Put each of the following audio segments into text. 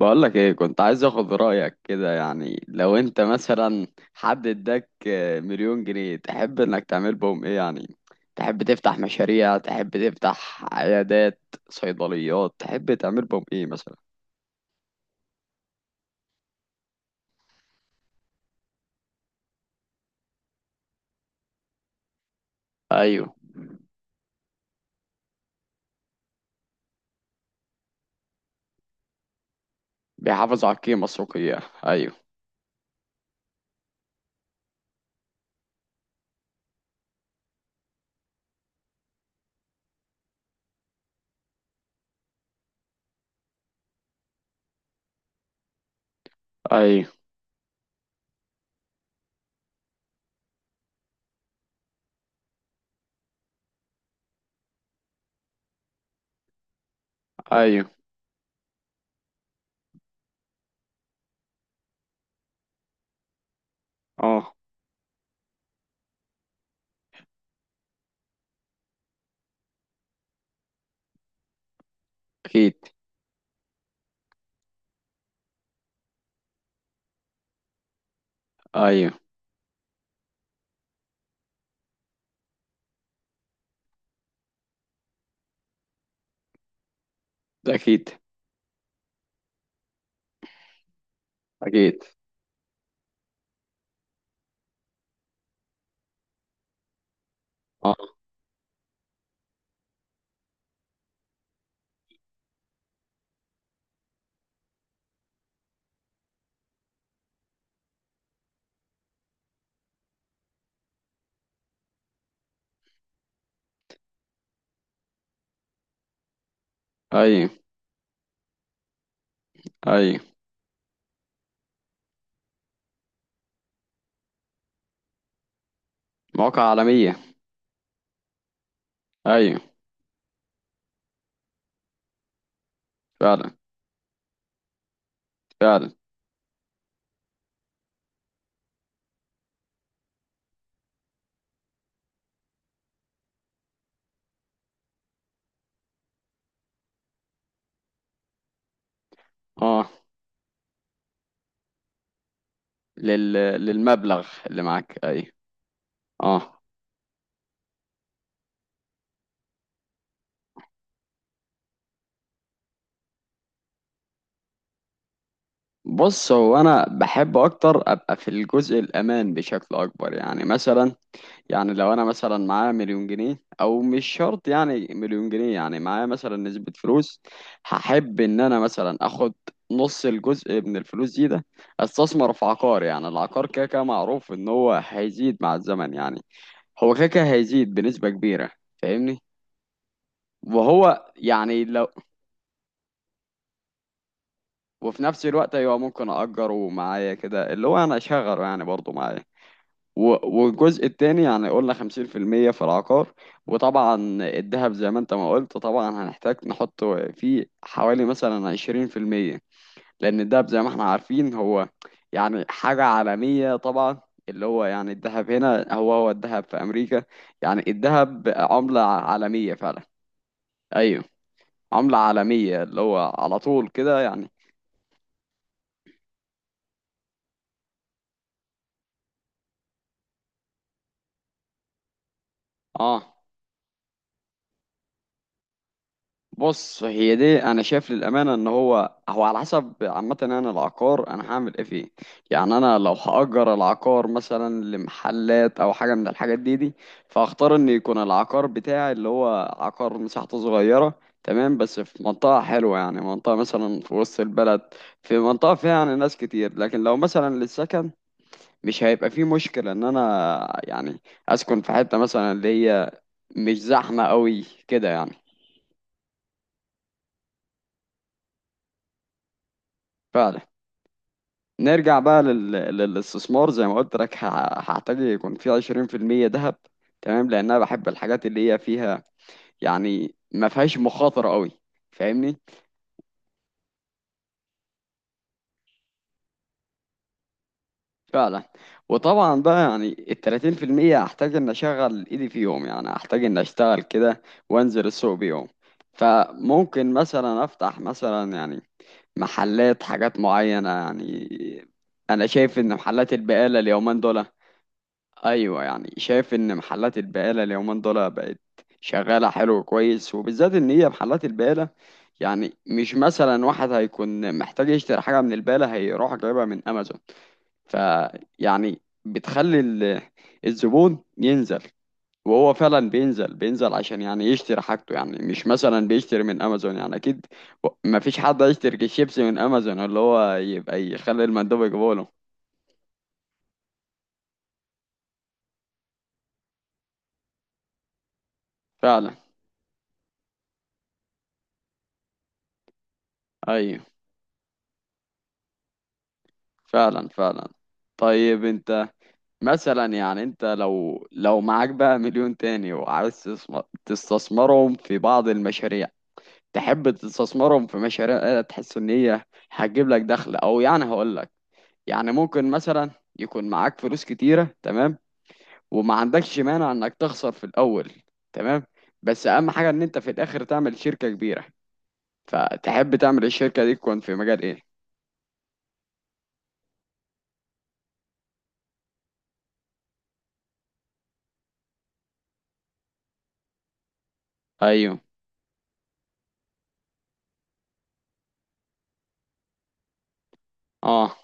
بقولك ايه، كنت عايز اخد رأيك كده. يعني لو انت مثلا حد اداك مليون جنيه، تحب انك تعمل بهم ايه؟ يعني تحب تفتح مشاريع؟ تحب تفتح عيادات، صيدليات؟ تحب تعمل بهم ايه مثلا؟ ايوه. بيحافظ على القيمة السوقية. ايوه. ايوه. ايوه. اه. اكيد. ايوه. ده اكيد. اكيد. اه. ايوه. ايوه. مواقع عالمية. ايوه. فعلا. فعلا. اه. لل... للمبلغ اللي معاك، ايوه. اه. بص، هو انا بحب اكتر ابقى في الجزء الامان بشكل اكبر. يعني مثلا، يعني لو انا مثلا معايا مليون جنيه، او مش شرط يعني مليون جنيه، يعني معايا مثلا نسبة فلوس. هحب ان انا مثلا اخد نص الجزء من الفلوس ده، استثمر في عقار. يعني العقار كده كده معروف ان هو هيزيد مع الزمن يعني. هو كده كده هيزيد بنسبة كبيرة. فاهمني. وهو يعني لو... وفي نفس الوقت ايوه، ممكن اجره معايا كده، اللي هو انا اشغله يعني برضه معايا. والجزء التاني يعني، قلنا 50% في العقار. وطبعا الذهب زي ما انت ما قلت، طبعا هنحتاج نحط فيه حوالي مثلا 20%، لأن الذهب زي ما احنا عارفين هو يعني حاجة عالمية طبعا. اللي هو يعني الذهب هنا هو هو الذهب في أمريكا. يعني الذهب عملة عالمية فعلا. أيوه. عملة عالمية اللي هو على طول كده يعني. اه. بص، هي دي انا شايف للامانه ان هو هو على حسب، عامه انا العقار انا هعمل ايه فيه. يعني انا لو هاجر العقار مثلا لمحلات او حاجه من الحاجات دي، فاختار ان يكون العقار بتاعي اللي هو عقار مساحته صغيره، تمام، بس في منطقه حلوه، يعني منطقه مثلا في وسط البلد، في منطقه فيها يعني ناس كتير. لكن لو مثلا للسكن، مش هيبقى فيه مشكله ان انا يعني اسكن في حته مثلا اللي هي مش زحمه قوي كده يعني. فعلا. نرجع بقى لل... للاستثمار زي ما قلت لك. هحتاج يكون في 20% ذهب، تمام، لأن أنا بحب الحاجات اللي هي فيها، يعني ما فيهاش مخاطرة قوي. فاهمني. فعلا. وطبعا بقى يعني ال 30% هحتاج إن أشغل إيدي فيهم. يعني هحتاج إن أشتغل كده وأنزل السوق بيهم. فممكن مثلا أفتح مثلا يعني محلات حاجات معينة يعني. أنا شايف إن محلات البقالة اليومين دول... ايوه، يعني شايف ان محلات البقاله اليومين دول بقت شغاله حلو، كويس، وبالذات ان هي محلات البقاله، يعني مش مثلا واحد هيكون محتاج يشتري حاجه من البقاله هيروح جايبها من امازون. فيعني بتخلي الزبون ينزل. وهو فعلا بينزل بينزل عشان يعني يشتري حاجته، يعني مش مثلا بيشتري من امازون يعني اكيد. ما فيش حد هيشتري الشيبسي من امازون اللي هو يبقى يخلي المندوب يجيبه له. فعلا. ايوه. فعلا. فعلا. طيب انت، مثلا يعني انت لو معاك بقى مليون تاني وعايز تستثمرهم في بعض المشاريع. تحب تستثمرهم في مشاريع تحس ان هي هتجيب لك دخل؟ او يعني هقول لك، يعني ممكن مثلا يكون معاك فلوس كتيرة، تمام، وما عندكش مانع انك تخسر في الاول، تمام، بس اهم حاجة ان انت في الاخر تعمل شركة كبيرة. فتحب تعمل الشركة دي تكون في مجال ايه؟ ايوه. اه.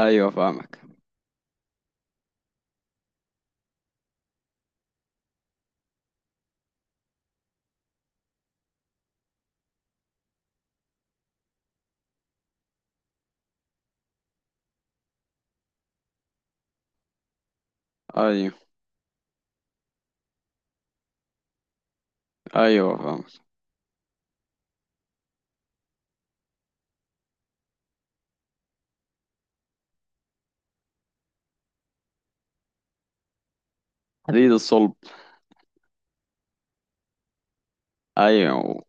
ايوه. فاهمك. ايوه. ايوه. فاهمك. حديد الصلب. ايوه.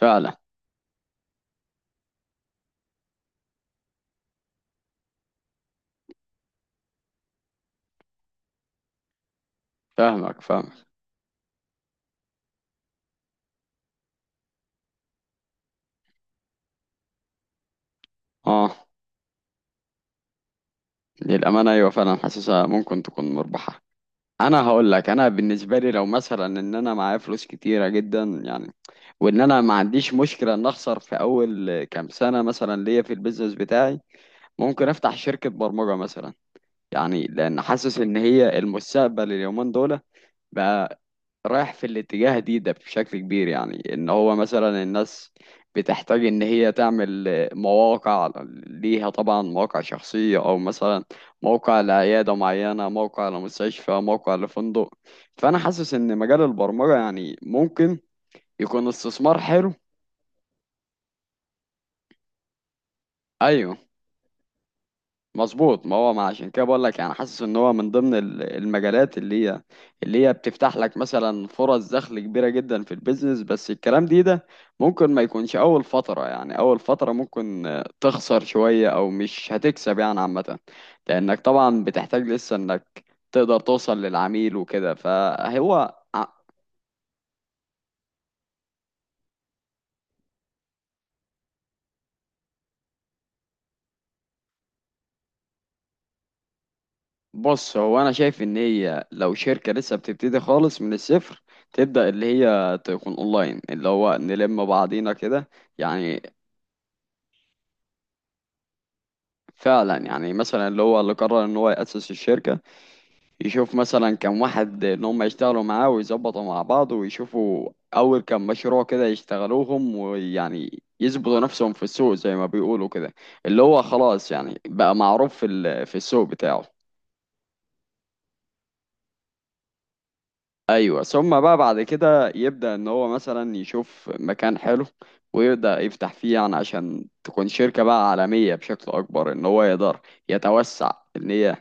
فعلا. فاهمك. فاهمك. اه. للأمانة أيوة فعلا، حاسسها ممكن تكون مربحة. أنا هقول لك، أنا بالنسبة لي لو مثلا إن أنا معايا فلوس كتيرة جدا يعني، وإن أنا ما عنديش مشكلة إن أخسر في أول كام سنة مثلا ليا في البيزنس بتاعي، ممكن أفتح شركة برمجة مثلا. يعني لأن حاسس إن هي المستقبل اليومين دول بقى، رايح في الاتجاه ده بشكل كبير. يعني ان هو مثلا الناس بتحتاج ان هي تعمل مواقع ليها طبعا، مواقع شخصية او مثلا موقع لعيادة معينة، موقع لمستشفى، موقع لفندق. فانا حاسس ان مجال البرمجة يعني ممكن يكون استثمار حلو. ايوه، مظبوط. ما هو ما عشان كده بقول لك، يعني حاسس ان هو من ضمن المجالات اللي هي بتفتح لك مثلا فرص دخل كبيره جدا في البيزنس. بس الكلام ده ممكن ما يكونش اول فتره، يعني اول فتره ممكن تخسر شويه او مش هتكسب يعني عامه، لانك طبعا بتحتاج لسه انك تقدر توصل للعميل وكده فهو. بص، هو انا شايف ان هي لو شركه لسه بتبتدي خالص من الصفر، تبدا اللي هي تكون اونلاين، اللي هو نلم بعضينا كده يعني. فعلا، يعني مثلا اللي هو اللي قرر ان هو ياسس الشركه، يشوف مثلا كم واحد ان هم يشتغلوا معاه ويظبطوا مع بعض، ويشوفوا اول كم مشروع كده يشتغلوهم، ويعني يثبتوا نفسهم في السوق زي ما بيقولوا كده، اللي هو خلاص يعني بقى معروف في في السوق بتاعه. ايوه، ثم بقى بعد كده يبدأ ان هو مثلا يشوف مكان حلو ويبدأ يفتح فيه، يعني عشان تكون شركة بقى عالمية بشكل اكبر، ان هو يقدر يتوسع ان هي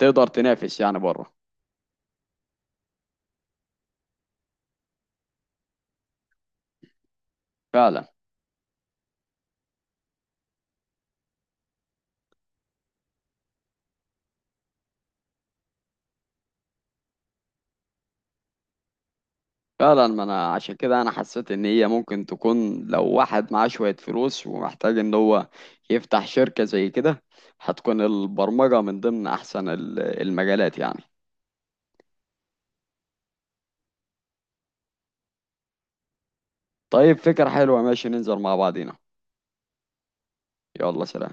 تقدر تنافس يعني بره. فعلا. فعلا. ما انا عشان كده انا حسيت ان هي ممكن تكون لو واحد معاه شوية فلوس ومحتاج ان هو يفتح شركة زي كده، هتكون البرمجة من ضمن احسن المجالات يعني. طيب، فكرة حلوة. ماشي، ننزل مع بعضينا. يلا سلام.